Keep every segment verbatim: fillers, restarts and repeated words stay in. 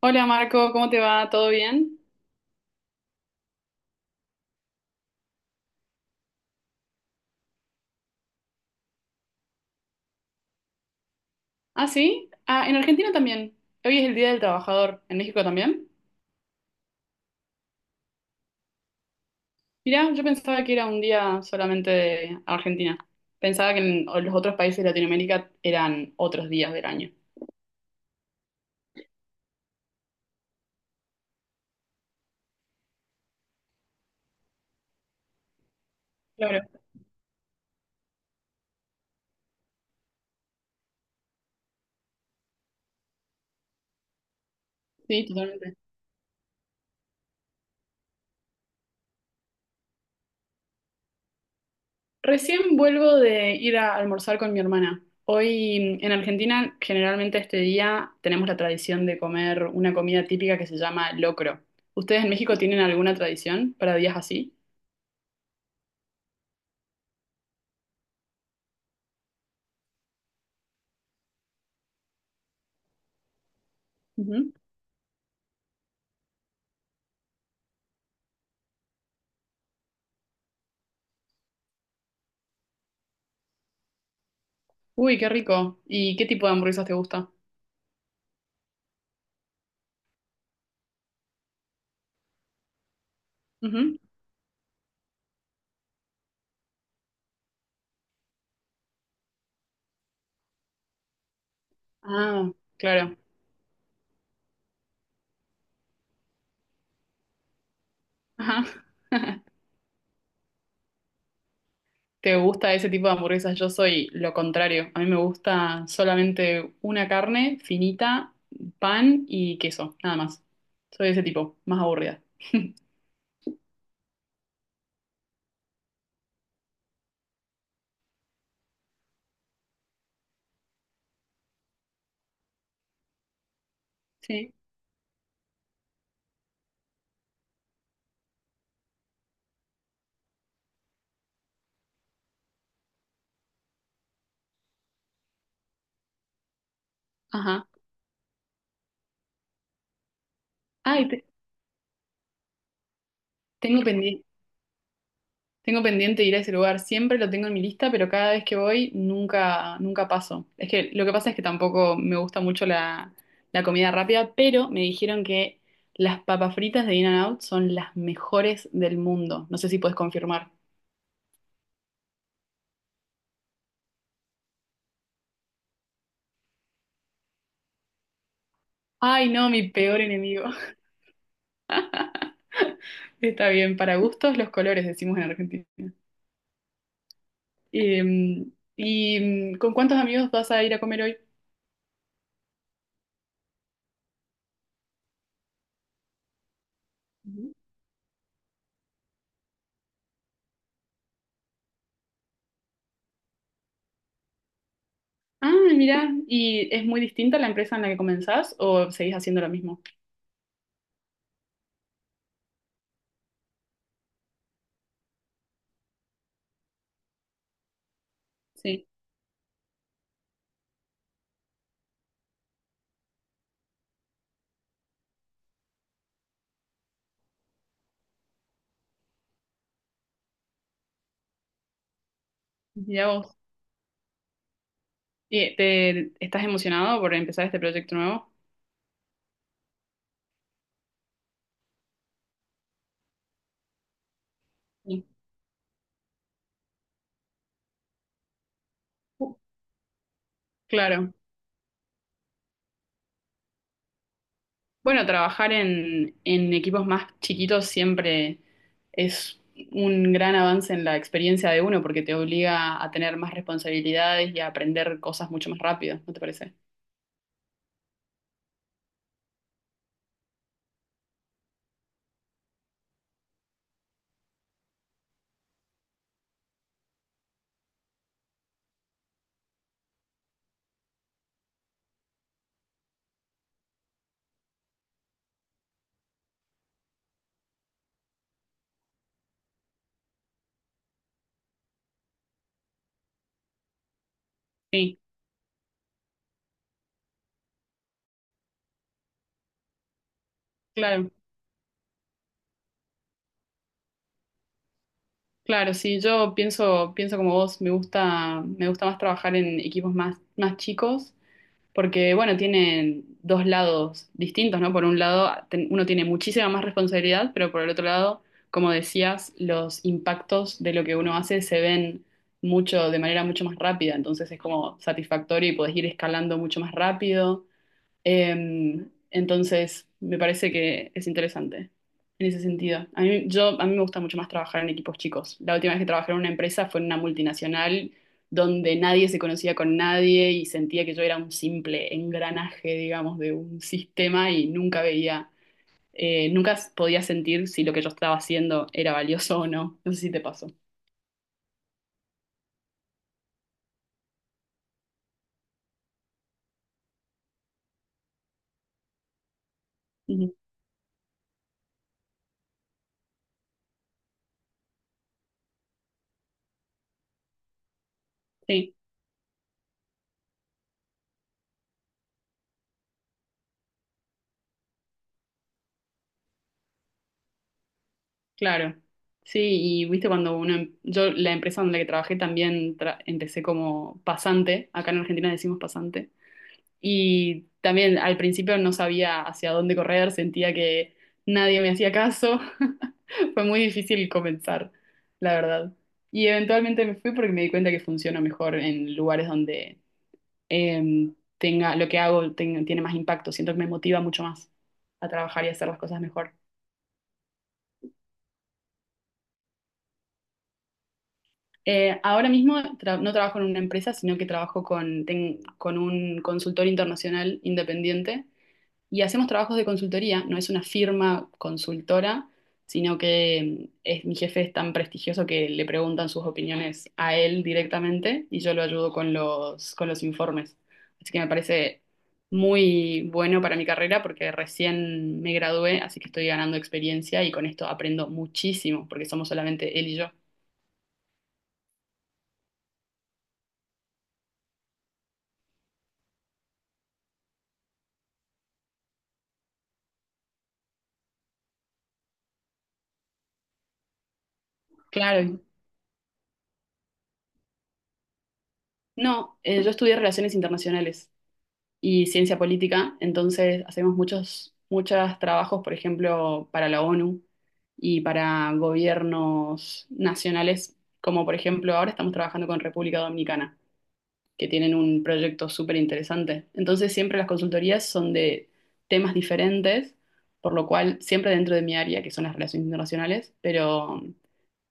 Hola Marco, ¿cómo te va? ¿Todo bien? ¿Ah, sí? Ah, en Argentina también. Hoy es el Día del Trabajador. ¿En México también? Mirá, yo pensaba que era un día solamente de Argentina. Pensaba que en los otros países de Latinoamérica eran otros días del año. Claro. Sí, totalmente. Recién vuelvo de ir a almorzar con mi hermana. Hoy mm, en Argentina, generalmente este día tenemos la tradición de comer una comida típica que se llama locro. ¿Ustedes en México tienen alguna tradición para días así? Uy, qué rico. ¿Y qué tipo de hamburguesas te gusta? Ujú. Ah, claro. Ajá. ¿Te gusta ese tipo de hamburguesas? Yo soy lo contrario. A mí me gusta solamente una carne finita, pan y queso, nada más. Soy ese tipo, más aburrida. Sí. Ajá. Ay, te- tengo pendiente. Tengo pendiente ir a ese lugar, siempre lo tengo en mi lista, pero cada vez que voy nunca, nunca paso. Es que lo que pasa es que tampoco me gusta mucho la, la comida rápida, pero me dijeron que las papas fritas de In-N-Out son las mejores del mundo. No sé si puedes confirmar. Ay, no, mi peor enemigo. Está bien, para gustos los colores, decimos en Argentina. Eh, ¿y mm, con cuántos amigos vas a ir a comer hoy? Ujú. Ah, mirá, ¿y es muy distinta la empresa en la que comenzás o seguís haciendo lo mismo? Sí, mirá vos. ¿Y te, estás emocionado por empezar este proyecto nuevo? Sí. Uh, claro. Bueno, trabajar en, en equipos más chiquitos siempre es un gran avance en la experiencia de uno porque te obliga a tener más responsabilidades y a aprender cosas mucho más rápido, ¿no te parece? Sí, claro, claro, sí, yo pienso, pienso como vos, me gusta, me gusta más trabajar en equipos más, más chicos porque bueno, tienen dos lados distintos, ¿no? Por un lado, ten- uno tiene muchísima más responsabilidad, pero por el otro lado, como decías, los impactos de lo que uno hace se ven mucho, de manera mucho más rápida, entonces es como satisfactorio y podés ir escalando mucho más rápido eh, entonces, me parece que es interesante en ese sentido. A mí, yo, a mí me gusta mucho más trabajar en equipos chicos. La última vez que trabajé en una empresa fue en una multinacional donde nadie se conocía con nadie y sentía que yo era un simple engranaje, digamos, de un sistema y nunca veía, eh, nunca podía sentir si lo que yo estaba haciendo era valioso o no. No sé si te pasó. Ujú. Sí. Claro, sí, y viste cuando uno, em- yo la empresa donde que trabajé también tra- empecé como pasante, acá en Argentina decimos pasante, y también al principio no sabía hacia dónde correr, sentía que nadie me hacía caso, fue muy difícil comenzar, la verdad. Y eventualmente me fui porque me di cuenta que funciona mejor en lugares donde em, tenga, lo que hago tenga- tiene más impacto, siento que me motiva mucho más a trabajar y hacer las cosas mejor. Eh, ahora mismo tra- no trabajo en una empresa, sino que trabajo con, ten- con un consultor internacional independiente y hacemos trabajos de consultoría. No es una firma consultora, sino que mm, es, mi jefe es tan prestigioso que le preguntan sus opiniones a él directamente y yo lo ayudo con los, con los informes. Así que me parece muy bueno para mi carrera porque recién me gradué, así que estoy ganando experiencia y con esto aprendo muchísimo porque somos solamente él y yo. Claro, no, eh, yo estudié Relaciones Internacionales y Ciencia Política, entonces hacemos muchos, muchos trabajos, por ejemplo, para la ONU y para gobiernos nacionales, como por ejemplo ahora estamos trabajando con República Dominicana, que tienen un proyecto súper interesante. Entonces siempre las consultorías son de temas diferentes, por lo cual siempre dentro de mi área, que son las relaciones internacionales, pero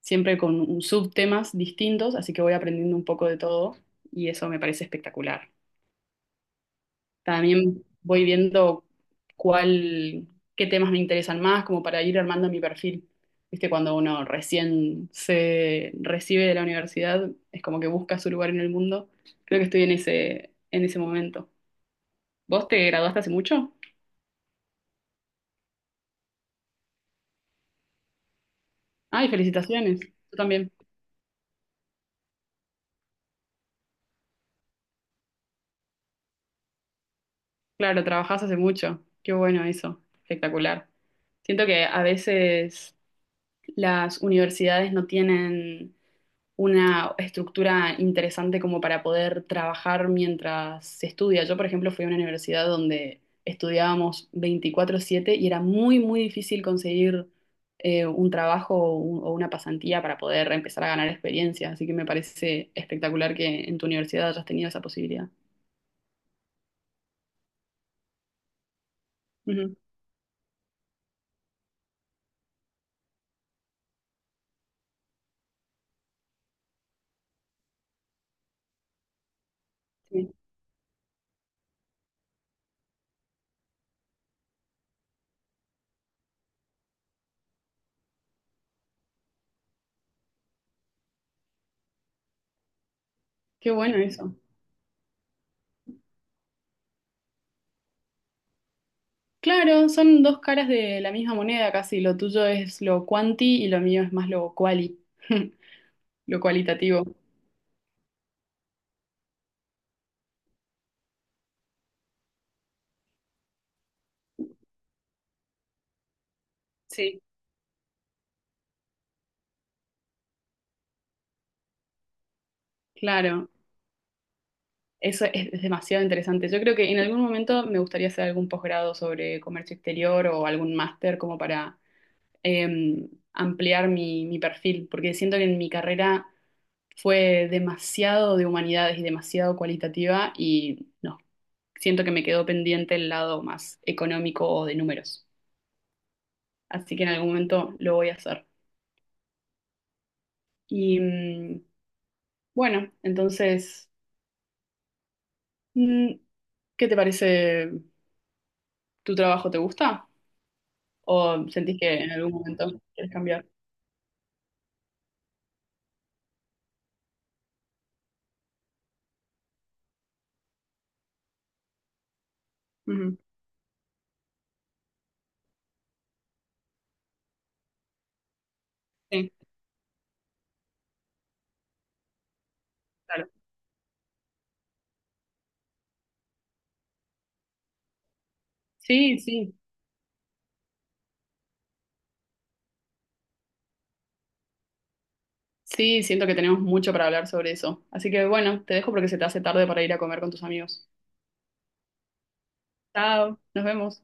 siempre con un- subtemas distintos, así que voy aprendiendo un poco de todo y eso me parece espectacular. También voy viendo cuál, qué temas me interesan más, como para ir armando mi perfil. Viste, cuando uno recién se recibe de la universidad, es como que busca su lugar en el mundo. Creo que estoy en ese, en ese momento. ¿Vos te graduaste hace mucho? Ay, felicitaciones. Tú también. Claro, trabajás hace mucho. Qué bueno eso. Espectacular. Siento que a veces las universidades no tienen una estructura interesante como para poder trabajar mientras se estudia. Yo, por ejemplo, fui a una universidad donde estudiábamos veinticuatro siete y era muy, muy difícil conseguir eh, un trabajo o, un- o una pasantía para poder empezar a ganar experiencia. Así que me parece espectacular que en tu universidad hayas tenido esa posibilidad. Ujú, sí. Qué bueno eso. Claro, son dos caras de la misma moneda casi. Lo tuyo es lo cuanti y lo mío es más lo quali. Lo cualitativo. Sí. Claro, eso es, es demasiado interesante. Yo creo que en algún momento me gustaría hacer algún posgrado sobre comercio exterior o algún máster como para em, ampliar mi, mi perfil, porque siento que en mi carrera fue demasiado de humanidades y demasiado cualitativa y no, siento que me quedó pendiente el lado más económico o de números. Así que en algún momento lo voy a hacer. Y mm, bueno, entonces, mm, ¿qué te parece? ¿Tu trabajo te gusta? ¿O sentís que en algún momento quieres cambiar? Ujú, sí, claro. Sí, sí. Sí, siento que tenemos mucho para hablar sobre eso. Así que bueno, te dejo porque se te hace tarde para ir a comer con tus amigos. Chao, nos vemos.